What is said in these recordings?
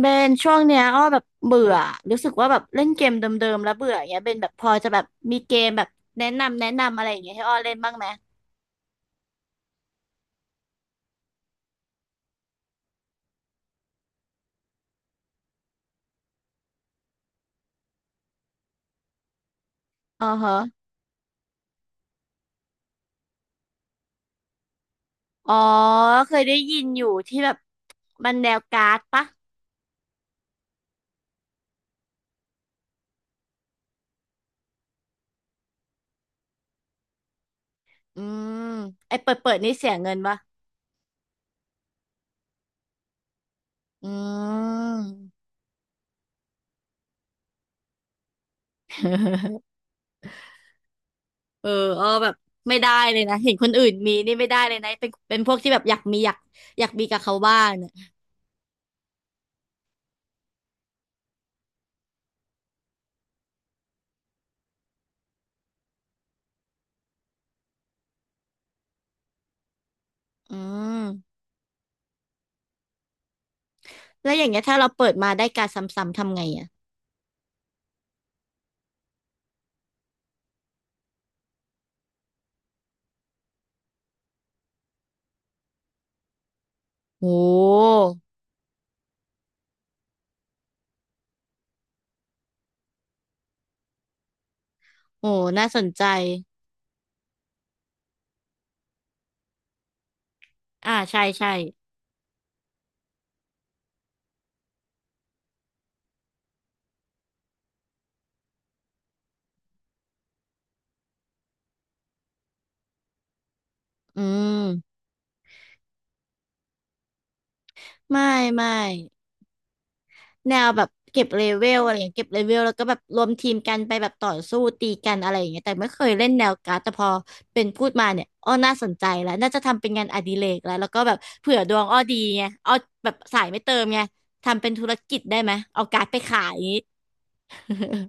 เบนช่วงเนี้ยอ้อแบบเบื่อรู้สึกว่าแบบเล่นเกมเดิมๆแล้วเบื่ออย่างเงี้ยเบนแบบพอจะแบบมีเกมแบบแนะนำอะไรอย่างเงี้ยให้อ้อเล่นบ้างไหมอ๋อฮะอ๋อเคยได้ยินอยู่ที่แบบมันแนวการ์ดปะอืมไอเปิดนี่เสียเงินปะอืม เอออ้อแบบไม่ได้เลยนะเห็นคนอื่นมีนี่ไม่ได้เลยนะเป็นพวกที่แบบอยากมีอยากอยากมีกับเขาบ้างเนี่ยอืมแล้วอย่างเงี้ยถ้าเราเปิดมาได้การดซ้ำๆทำไงอ่ะโห โอ้น่าสนใจอ่าใช่ใช่อืมไม่แนวแบบเก็บเลเวลอะไรอย่างเงี้ยเก็บเลเวลแล้วก็แบบรวมทีมกันไปแบบต่อสู้ตีกันอะไรอย่างเงี้ยแต่ไม่เคยเล่นแนวการ์ดแต่พอเป็นพูดมาเนี่ย อ้อ น่าสนใจแล้ว น่าจะทำเป็นงานอดิเรกแล้วก็แบบเผื่อดวงอ้อดีไงอ้อแบบสายไม่เติมไงทำเป็นธุรกิจได้ไหมเอาการ์ดไปขายอย่างงี้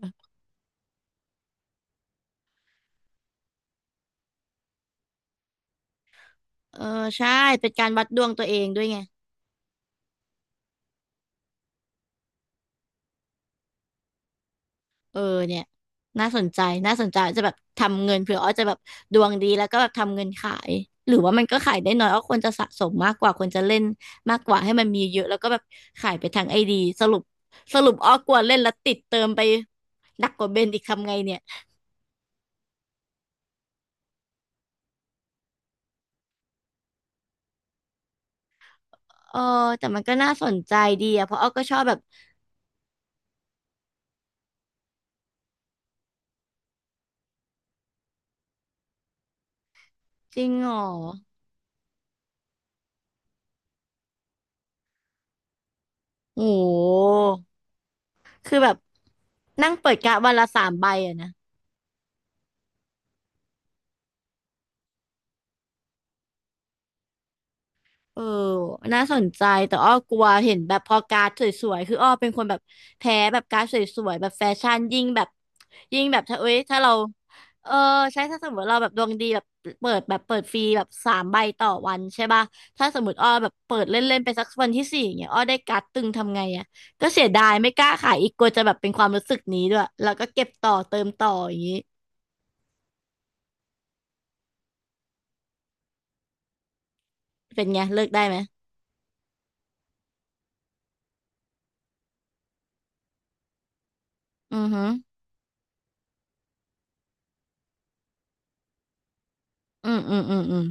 เออใช่ เป็นการวัดดวงตัวเองด้วยไง เออเนี่ยน่าสนใจน่าสนใจจะแบบทำเงินเผื่ออ้อจะแบบดวงดีแล้วก็แบบทำเงินขายหรือว่ามันก็ขายได้น้อยอ้อควรจะสะสมมากกว่าควรจะเล่นมากกว่าให้มันมีเยอะแล้วก็แบบขายไปทางไอดีสรุปสรุปอ้อกลัวเล่นแล้วติดเติมไปหนักกว่าเบนอีกทำไงเนี่ยเออแต่มันก็น่าสนใจดีอะเพราะอ้อก็ชอบแบบจริงเหรอโอ้โหคือแบบนั่งเปิดกะวันละสามใบอะนะ เออน่าสนใจแต่อ้อกลัวเห็นแบบพอการ์ดสวยๆ คืออ้อเป็นคนแบบแพ้แบบการ์ดสวยๆ แบบแฟชั่นยิ่งแบบยิ่งแบบถ้าเอ้ยถ้าเราเออใช่ถ้าสมมติเราแบบดวงดีแบบเปิดแบบเปิดฟรีแบบสามใบต่อวันใช่ป่ะถ้าสมมติอ้อแบบเปิดเล่นๆไปสักวันที่สี่อย่างเงี้ยอ้อได้การ์ดตึงทำไงอ่ะก็เสียดายไม่กล้าขายอีกกลัวจะแบบเป็นความรู้สึกนี้ด้วยแล้วก็เก็บต่อเติมต่ออย่างงี้เป็นไงเลิกได้ไหมอือฮึอืม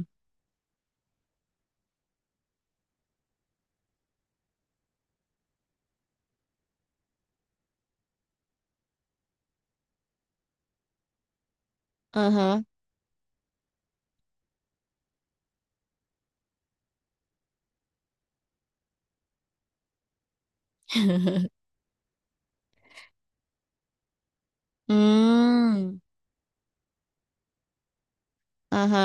อือฮึ อืม อ่าฮะ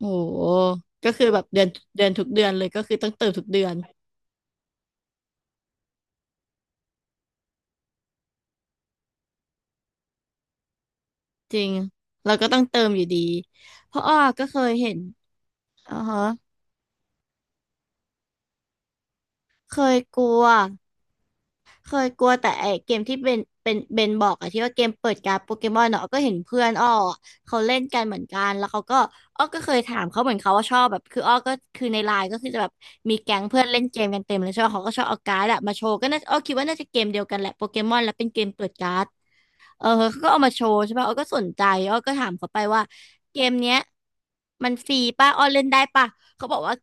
โหก็คือแบบเดือนเดือนทุกเดือนเลยก็คือต้องเติมทุกเดือนจริงเราก็ต้องเติมอยู่ดี เพราะอ้อก็เคยเห็นอ่าฮะเคยกลัว เคยกลัวแต่ไอเกมที่เป็นเบนบอกอะที่ว่าเกมเปิดการ์ดโปเกมอนเนาะอ้อก็เห็นเพื่อนอ้ออะเขาเล่นกันเหมือนกันแล้วเขาก็อ้อก็เคยถามเขาเหมือนเขาว่าชอบแบบคืออ้อก็คือในไลน์ก็คือจะแบบมีแก๊งเพื่อนเล่นเกมกันเต็มเลยใช่ไหมเขาก็ชอบเอาการ์ดอะมาโชว์ก็น่าอ้อคิดว่าน่าจะเกมเดียวกันแหละโปเกมอนแล้วเป็นเกมเปิดการ์ด เออเขาก็เอามาโชว์ใช่ป่ะอ้อก็สนใจอ้อก็ถามเขาไปว่าเกมเนี้ยมันฟรีป่ะอ้อเล่นได้ป่ะเขาบอกว่า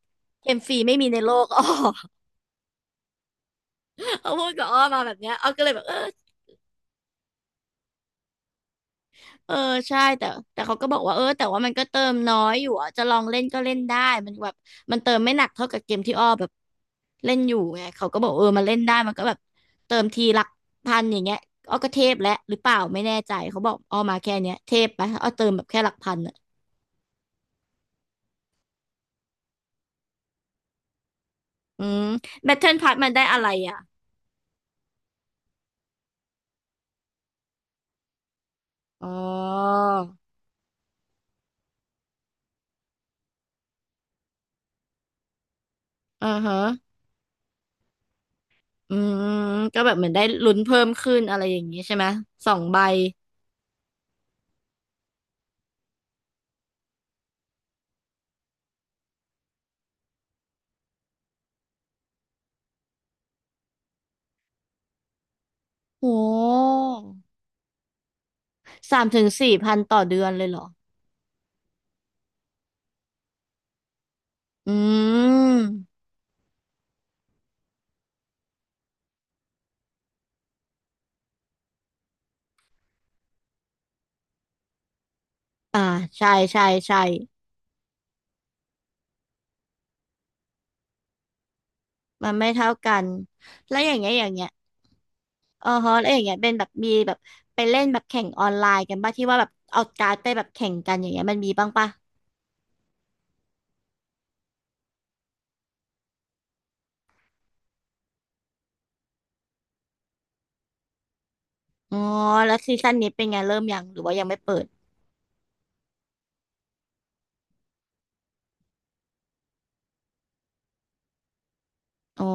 เกมฟรีไม่มีในโลก อ้อ เขาพูดกับอ้อมาแบบเนี้ยอ้อก็เลยแบบเออเออใช่แต่เขาก็บอกว่าเออแต่ว่ามันก็เติมน้อยอยู่อ่ะจะลองเล่นก็เล่นได้มันแบบมันเติมไม่หนักเท่ากับเกมที่อ้อแบบเล่นอยู่ไงเขาก็บอกเออมาเล่นได้มันก็แบบเติมทีหลักพันอย่างเงี้ยอ้อก็เทพแล้วหรือเปล่าไม่แน่ใจเขาบอกอ้อมาแค่เนี้ยเทพไปอ้อเติมแบบแค่หลักพันอะ อืมแบทเทิลพาสมันได้อะไรอ่ะอ๋ออ่าฮะอืมก็แบบเหมือนได้ลุ้นเพิ่มขึ้นอะไรอย่างนี้ใช่ไหมสองใบโอ้สามถึงสี่พันต่อเดือนเลยเหรออืมอ่าใช่ใช่มันไม่เท่ากันแล้วอย่างเงี้ยอ๋อฮะแล้วอย่างเงี้ยเป็นแบบมีแบบไปเล่นแบบแข่งออนไลน์กันป่ะที่ว่าแบบเอาการ์ดไปแบบแข่งกันอย่างเงี้ยมันมีบ้างป่ะอ๋อแล้วซีซั่นนี้เป็นไงเริ่มยังหรือว่ายังไม่เปิดอ๋อ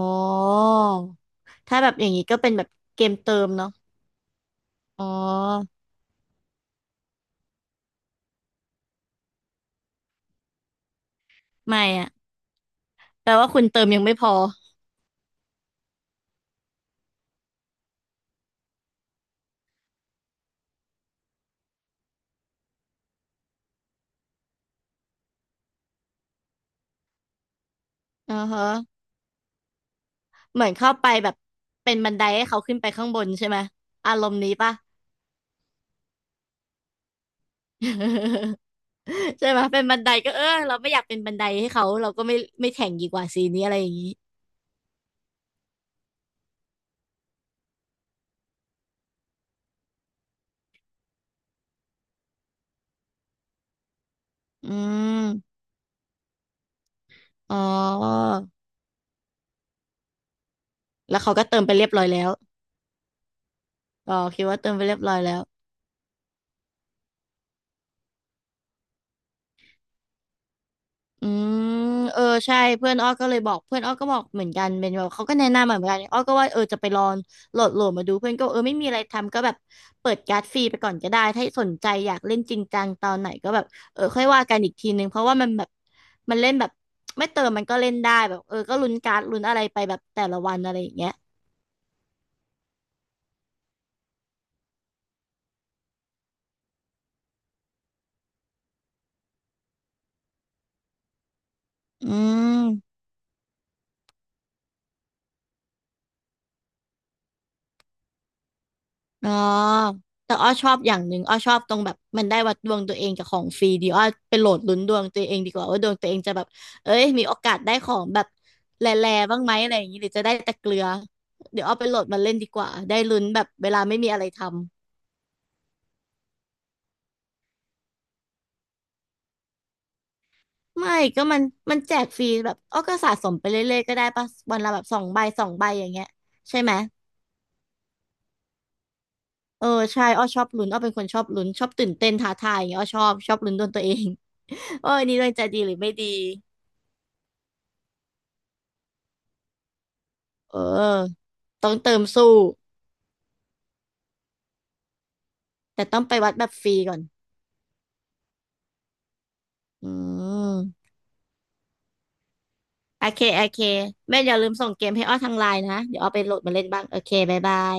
ถ้าแบบอย่างนี้ก็เป็นแบบเกมเติมเนาะอ๋อไม่อะแปลว่าคุณเติมยังไม่พออ่าฮะเหมือนเข้าไปแบบเป็นบันไดให้เขาขึ้นไปข้างบนใช่ไหมอารมณ์นี้ปะ ใช่ไหมเป็นบันไดก็เออเราไม่อยากเป็นบันไดให้เขาเราก็ไม่ไม่แข่งดีกว่าซีนี้อะไรอย่างนี้อืมอ๋อแล้วเขาก็เติมไปเรียบร้อยแล้วอ๋อคิดว่าเติมไปเรียบร้อยแล้ว อืมเออใช่เพื่อนอ้อก็เลยบอกเพื่อนอ้อก็บอกเหมือนกันเป็นแบบเขาก็แนะนำมาเหมือนกันอ้อก็ว่าเออจะไปลองโหลดมาดูเพื่อนก็บอกเออไม่มีอะไรทำก็แบบเปิดการ์ดฟรีไปก่อนก็ได้ถ้าสนใจอยากเล่นจริงจังตอนไหนก็แบบเออค่อยว่ากันอีกทีนึงเพราะว่ามันแบบมันเล่นแบบไม่เติมมันก็เล่นได้แบบเออก็ลุ้นการ์ดลุ้นอะไรไปแบบแต่ละวันอะไรอย่างเงี้ยอืม อ๋อแต่อ้อชอบอย่างหนึ่งอ้อชอบตรงแบบมันได้วัดดวงตัวเองกับของฟรีดีอ้อไปโหลดลุ้นดวงตัวเองดีกว่าว่าดวงตัวเองจะแบบเอ้ยมีโอกาสได้ของแบบแร่ๆบ้างไหมอะไรอย่างนี้หรือจะได้แต่เกลือเดี๋ยวอ้อไปโหลดมาเล่นดีกว่าได้ลุ้นแบบเวลาไม่มีอะไรทำไม่ก็มันมันแจกฟรีแบบอ้อก็สะสมไปเรื่อยๆก็ได้ปะวันละแบบสองใบสองใบอย่างเงี้ยใช่ไหมเออใช่อ้อชอบลุ้นอ้อเป็นคนชอบลุ้นชอบตื่นเต้นท้าทายอย่างเงี้ยอ้อชอบลุ้นดวงตัวเอง โอ้ยนี่ดวงใจดีหรือไม่ดี เออ ต้องเติมสู้แต่ต้องไปวัดแบบฟรีก่อนอืมโอเคโอเคแม่อย่าลืมส่งเกมให้อ้อทางไลน์นะ เดี๋ยวอ้อไปโหลดมาเล่นบ้างโอเคบ๊ายบาย